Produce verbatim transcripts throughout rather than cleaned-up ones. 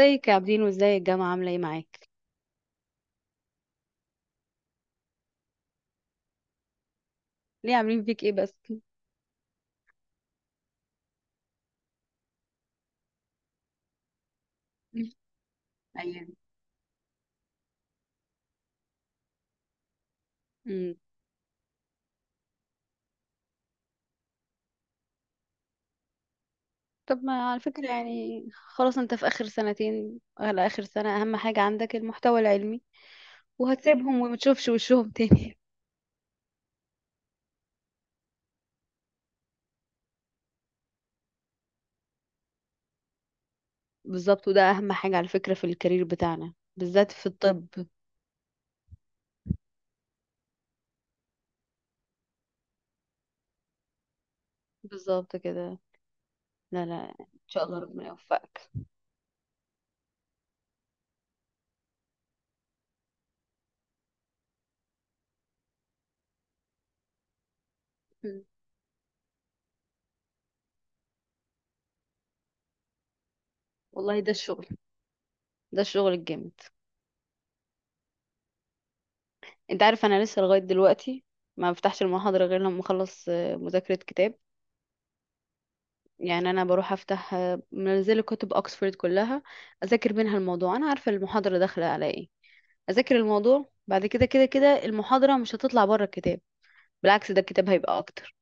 ازيك يا عابدين وازاي الجامعة عاملة ايه معاك؟ ليه عاملين فيك ايه بس؟ أيام. مم. طب، ما على فكرة يعني خلاص انت في آخر سنتين على آخر سنة، أهم حاجة عندك المحتوى العلمي. وهتسيبهم وما تشوفش وشهم تاني. بالظبط، وده أهم حاجة على فكرة في الكارير بتاعنا، بالذات في الطب. بالظبط كده. لا لا، إن شاء الله ربنا يوفقك. مم. والله ده الشغل. ده الشغل الجامد. انت عارف أنا لسه لغاية دلوقتي ما بفتحش المحاضرة غير لما أخلص آه، مذاكرة كتاب. يعني انا بروح افتح آه، منزله كتب اوكسفورد كلها، اذاكر منها الموضوع، انا عارفه المحاضره داخله على ايه. اذاكر الموضوع بعد كده كده كده، المحاضره مش هتطلع بره الكتاب. بالعكس، ده الكتاب هيبقى اكتر.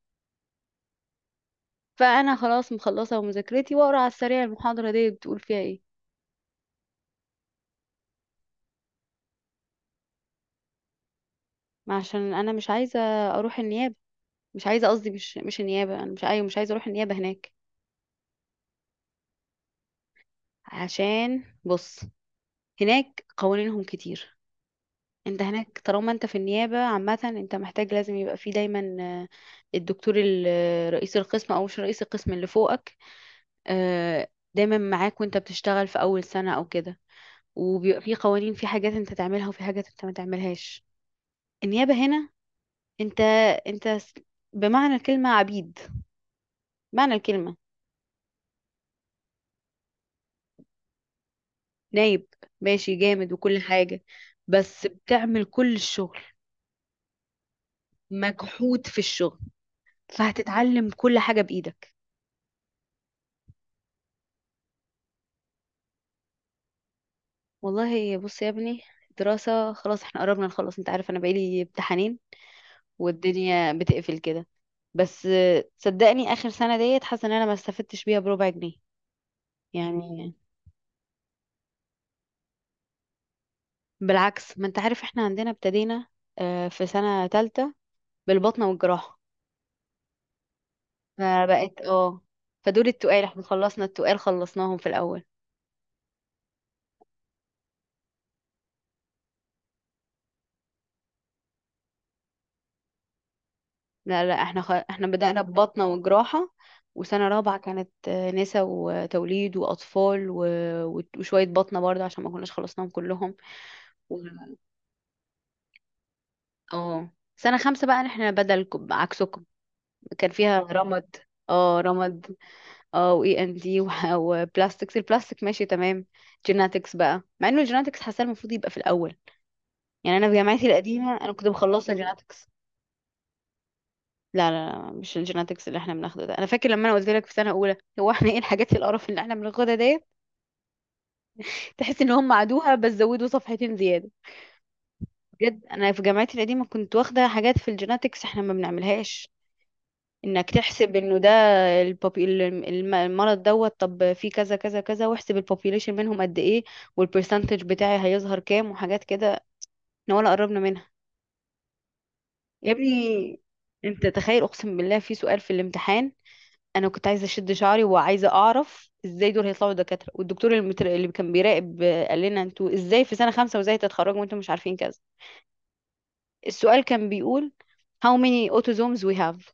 فانا خلاص مخلصه مذاكرتي واقرا على السريع المحاضره دي بتقول فيها ايه. ما عشان انا مش عايزه اروح النيابه. مش عايزه، قصدي مش مش النيابه، انا مش عايزه مش عايزه اروح النيابه هناك. عشان بص، هناك قوانينهم كتير. انت هناك طالما انت في النيابة عامة، انت محتاج لازم يبقى فيه دايما آه، الدكتور ال- آه، رئيس القسم او مش رئيس القسم اللي فوقك، آه، دايما معاك وانت بتشتغل في اول سنة او كده. وبيبقى فيه قوانين، في حاجات انت تعملها وفي حاجات انت ما تعملهاش. النيابة هنا انت انت س- بمعنى الكلمة عبيد. معنى الكلمة. نايب ماشي جامد وكل حاجة، بس بتعمل كل الشغل، مجحود في الشغل، فهتتعلم كل حاجة بإيدك. والله بص يا ابني، دراسة خلاص احنا قربنا نخلص، انت عارف انا بقالي امتحانين والدنيا بتقفل كده. بس آه، صدقني اخر سنة ديت حاسة ان انا ما استفدتش بيها بربع جنيه. يعني بالعكس، ما انت عارف احنا عندنا ابتدينا آه، في سنة تالتة بالبطنة والجراحة، فبقت اه، فدول التقال احنا خلصنا التقال خلصناهم في الاول. لا لا، احنا خ... احنا بدأنا ببطنة وجراحة، وسنة رابعة كانت آه، نسا وتوليد وأطفال و... وت- وشوية بطنة برضه عشان ما كناش خلصناهم كلهم. و... اه سنة خمسة بقى احنا بدلكم عكسكم، كان فيها رمد. اه رمد، اه واي ان دي، وبلاستكس البلاستيك. ماشي تمام. جيناتكس بقى، مع انه الجيناتكس حاسه المفروض يبقى في الاول. يعني انا في جامعتي القديمه انا كنت مخلصه جيناتكس. لا لا لا، مش الجيناتكس اللي احنا بناخده ده. انا فاكر لما انا قلت لك في سنه اولى، هو احنا ايه الحاجات القرف اللي احنا بناخدها ديت؟ تحس ان هم عادوها بس زودوا صفحتين زياده. بجد، انا في جامعتي القديمه كنت واخده حاجات في الجيناتكس احنا ما بنعملهاش. انك تحسب انه ده البوبي الم- الم- المرض دوت، طب في كذا كذا كذا، واحسب البوبيليشن منهم قد ايه، والبرسنتج بتاعي هيظهر كام، وحاجات كده. احنا ولا قربنا منها. يا ابني انت تخيل، اقسم بالله في سؤال في الامتحان، انا كنت عايزه اشد شعري وعايزه اعرف ازاي دول هيطلعوا دكاتره. والدكتور المتر... اللي كان بيراقب آه، قال لنا انتوا ازاي في سنه خمسه وازاي هتتخرجوا وانتوا مش عارفين كذا. السؤال كان بيقول how many autosomes we have.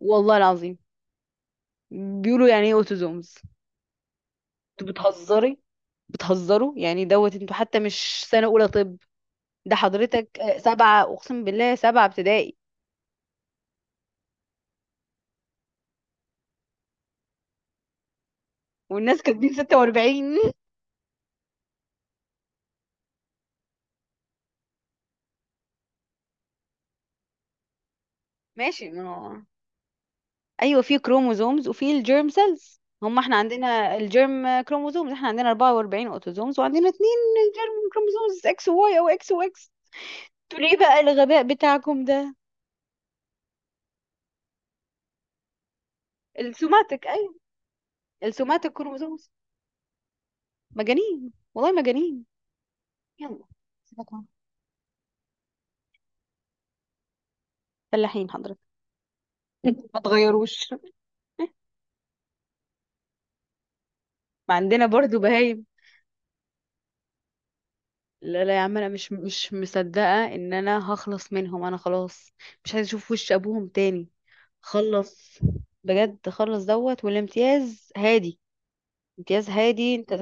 والله العظيم. بيقولوا يعني ايه autosomes. انتوا بتهزري، بتهزروا يعني دوت، انتوا حتى مش سنه اولى طب، ده حضرتك آه، سبعه اقسم بالله سبعه ابتدائي. والناس كاتبين ستة وأربعين. ماشي، ما هو ايوه، في كروموزومز وفي الجيرم سيلز. هم احنا عندنا الجيرم كروموزومز، احنا عندنا أربعة وأربعين اوتوزومز وعندنا اتنين جيرم كروموزومز، اكس وواي او اكس واكس. انتوا ليه بقى الغباء بتاعكم ده؟ السوماتيك، ايوه السوماتيك كروموزومز. مجانين والله مجانين. يلا، سيبك منهم. فلاحين حضرتك. ما تغيروش. ما عندنا برضو بهايم. لا لا يا عم، انا مش مش مصدقه ان انا هخلص منهم. انا خلاص مش عايزه اشوف وش ابوهم تاني. خلص، بجد خلص دوت. والامتياز هادي. امتياز هادي انت.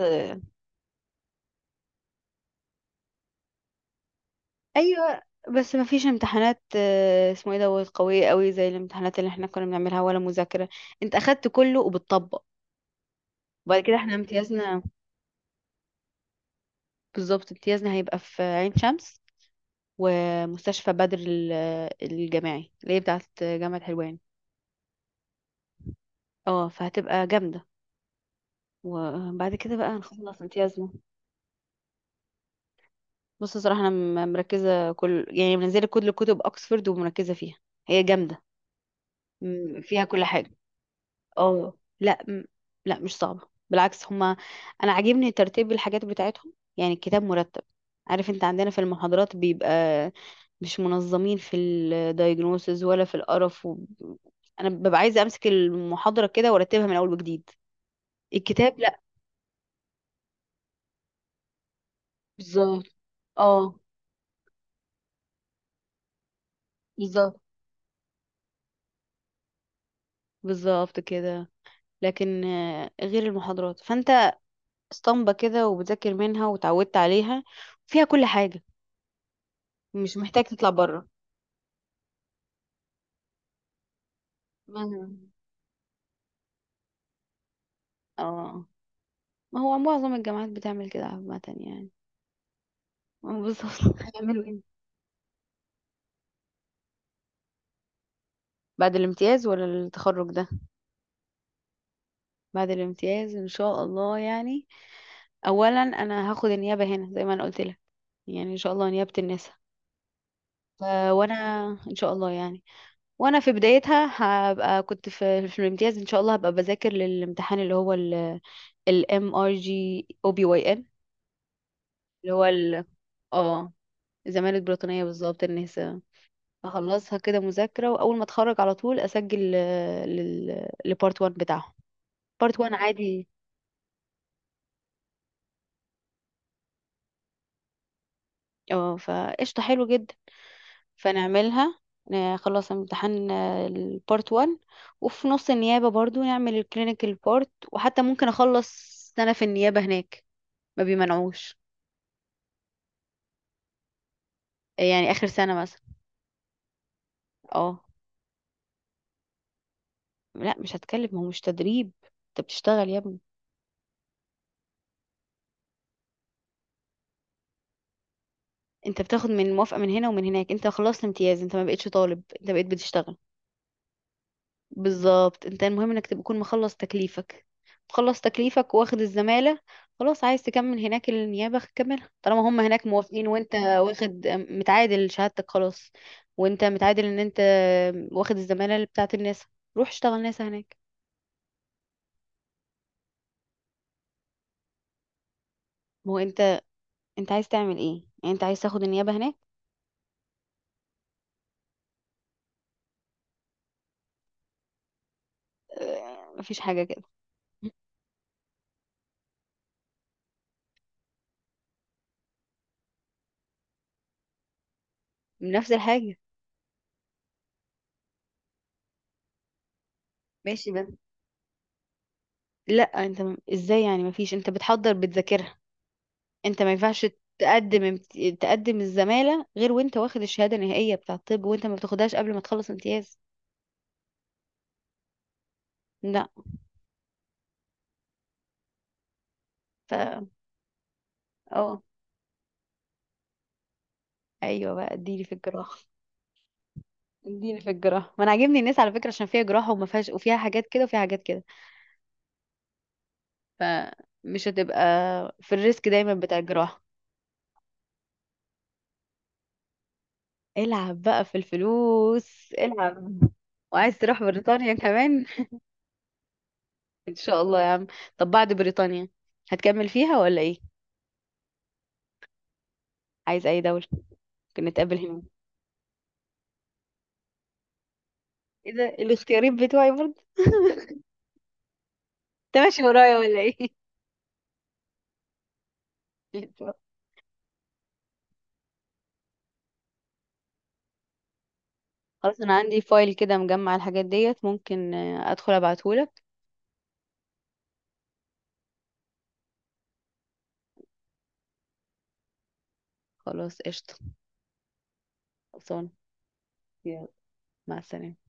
ايوه بس ما فيش امتحانات آه، اسمه ايه دوت، قويه قوي زي الامتحانات اللي احنا كنا بنعملها، ولا مذاكره. انت اخدت كله وبتطبق. وبعد كده احنا امتيازنا. بالظبط، امتيازنا هيبقى في عين شمس، ومستشفى بدر ال- الجامعي اللي هي بتاعت جامعه حلوان. اه فهتبقى جامده. وبعد كده بقى نخلص امتيازنا. بص صراحة أنا م- مركزة كل، يعني منزلة كل كتب أكسفورد ومركزة فيها. هي جامدة، م- فيها كل حاجة. اه لا، م- لا مش صعبة. بالعكس هما، أنا عاجبني ترتيب الحاجات بتاعتهم، يعني الكتاب مرتب. عارف انت عندنا في المحاضرات بيبقى مش منظمين في الدايجنوسز ولا في القرف. و... أنا ببقى عايزة أمسك المحاضرة كده وأرتبها من أول وجديد. الكتاب لا. بالظبط، اه بالظبط. بالظبط كده. لكن آه، غير المحاضرات فانت اسطمبة كده وبذاكر منها وتعودت عليها، فيها كل حاجة، مش محتاج تطلع بره. ما اه ما هو معظم الجامعات بتعمل كده عامة يعني. آه، بالظبط، هيعملوا ايه. بعد الامتياز ولا التخرج ده؟ بعد الامتياز ان شاء الله يعني. اولا انا هاخد النيابة هنا زي ما انا قلت لك، يعني ان شاء الله نيابة النساء. ف- وانا ان شاء الله يعني، وانا في بدايتها هبقى كنت في في الامتياز ان شاء الله هبقى بذاكر للامتحان، اللي هو الام ار جي او بي واي. اللي هو ال، اه الزمالة البريطانية بالظبط، النساء. اخلصها كده مذاكرة، واول ما اتخرج على طول اسجل آه، لل لبارت واحد بتاعهم. بارت واحد عادي، اه فقشطة، حلو جدا. فنعملها، ن- خلاص امتحان البارت واحد، وفي نص النيابة برضو نعمل الكلينيكال بارت. وحتى ممكن اخلص سنة في النيابة هناك، ما بيمنعوش، يعني اخر سنة مثلا. اه لا مش هتكلم، ما هو مش تدريب، انت بتشتغل يا ابني. انت بتاخد من موافقة من هنا ومن هناك. انت خلصت امتياز، انت ما بقتش طالب، انت بقيت بتشتغل. بالظبط، انت المهم انك تكون مخلص تكليفك. مخلص تكليفك واخد الزمالة، خلاص عايز تكمل هناك النيابة كملها طالما هم هناك موافقين وانت واخد متعادل شهادتك خلاص. وانت متعادل ان انت واخد الزمالة اللي بتاعت الناس، روح اشتغل ناسا هناك. ما هو انت، انت عايز تعمل ايه يعني؟ انت عايز تاخد النيابة هناك؟ اه، مفيش حاجة كده. نفس الحاجة. ماشي بس، لا انت م- ازاي يعني مفيش، انت بتحضر بتذاكرها. انت ما ينفعش تقدم امت- تقدم الزمالة غير وانت واخد الشهادة النهائية بتاع الطب، وانت ما بتاخدهاش قبل ما تخلص امتياز. لا. ف اه ايوه بقى اديني في الجراحة. اديني في الجراحة، ما انا عاجبني الناس على فكرة عشان فيها جراحة وما فيهاش، وفيها حاجات كده وفيها حاجات كده، فمش هتبقى في الريسك دايما بتاع الجراحة. العب بقى في الفلوس، العب. وعايز تروح بريطانيا كمان. ان شاء الله يا عم. طب بعد بريطانيا هتكمل فيها ولا ايه؟ عايز اي دولة؟ ممكن نتقابل هناك. ايه ده، الاختيارات بتوعي برضه. انت ماشي ورايا ولا ايه؟ خلاص انا عندي فايل كده مجمع الحاجات ديت، ممكن آه، ادخل ابعتهولك. خلاص قشطة. خلصانة. يلا. مع السلامة.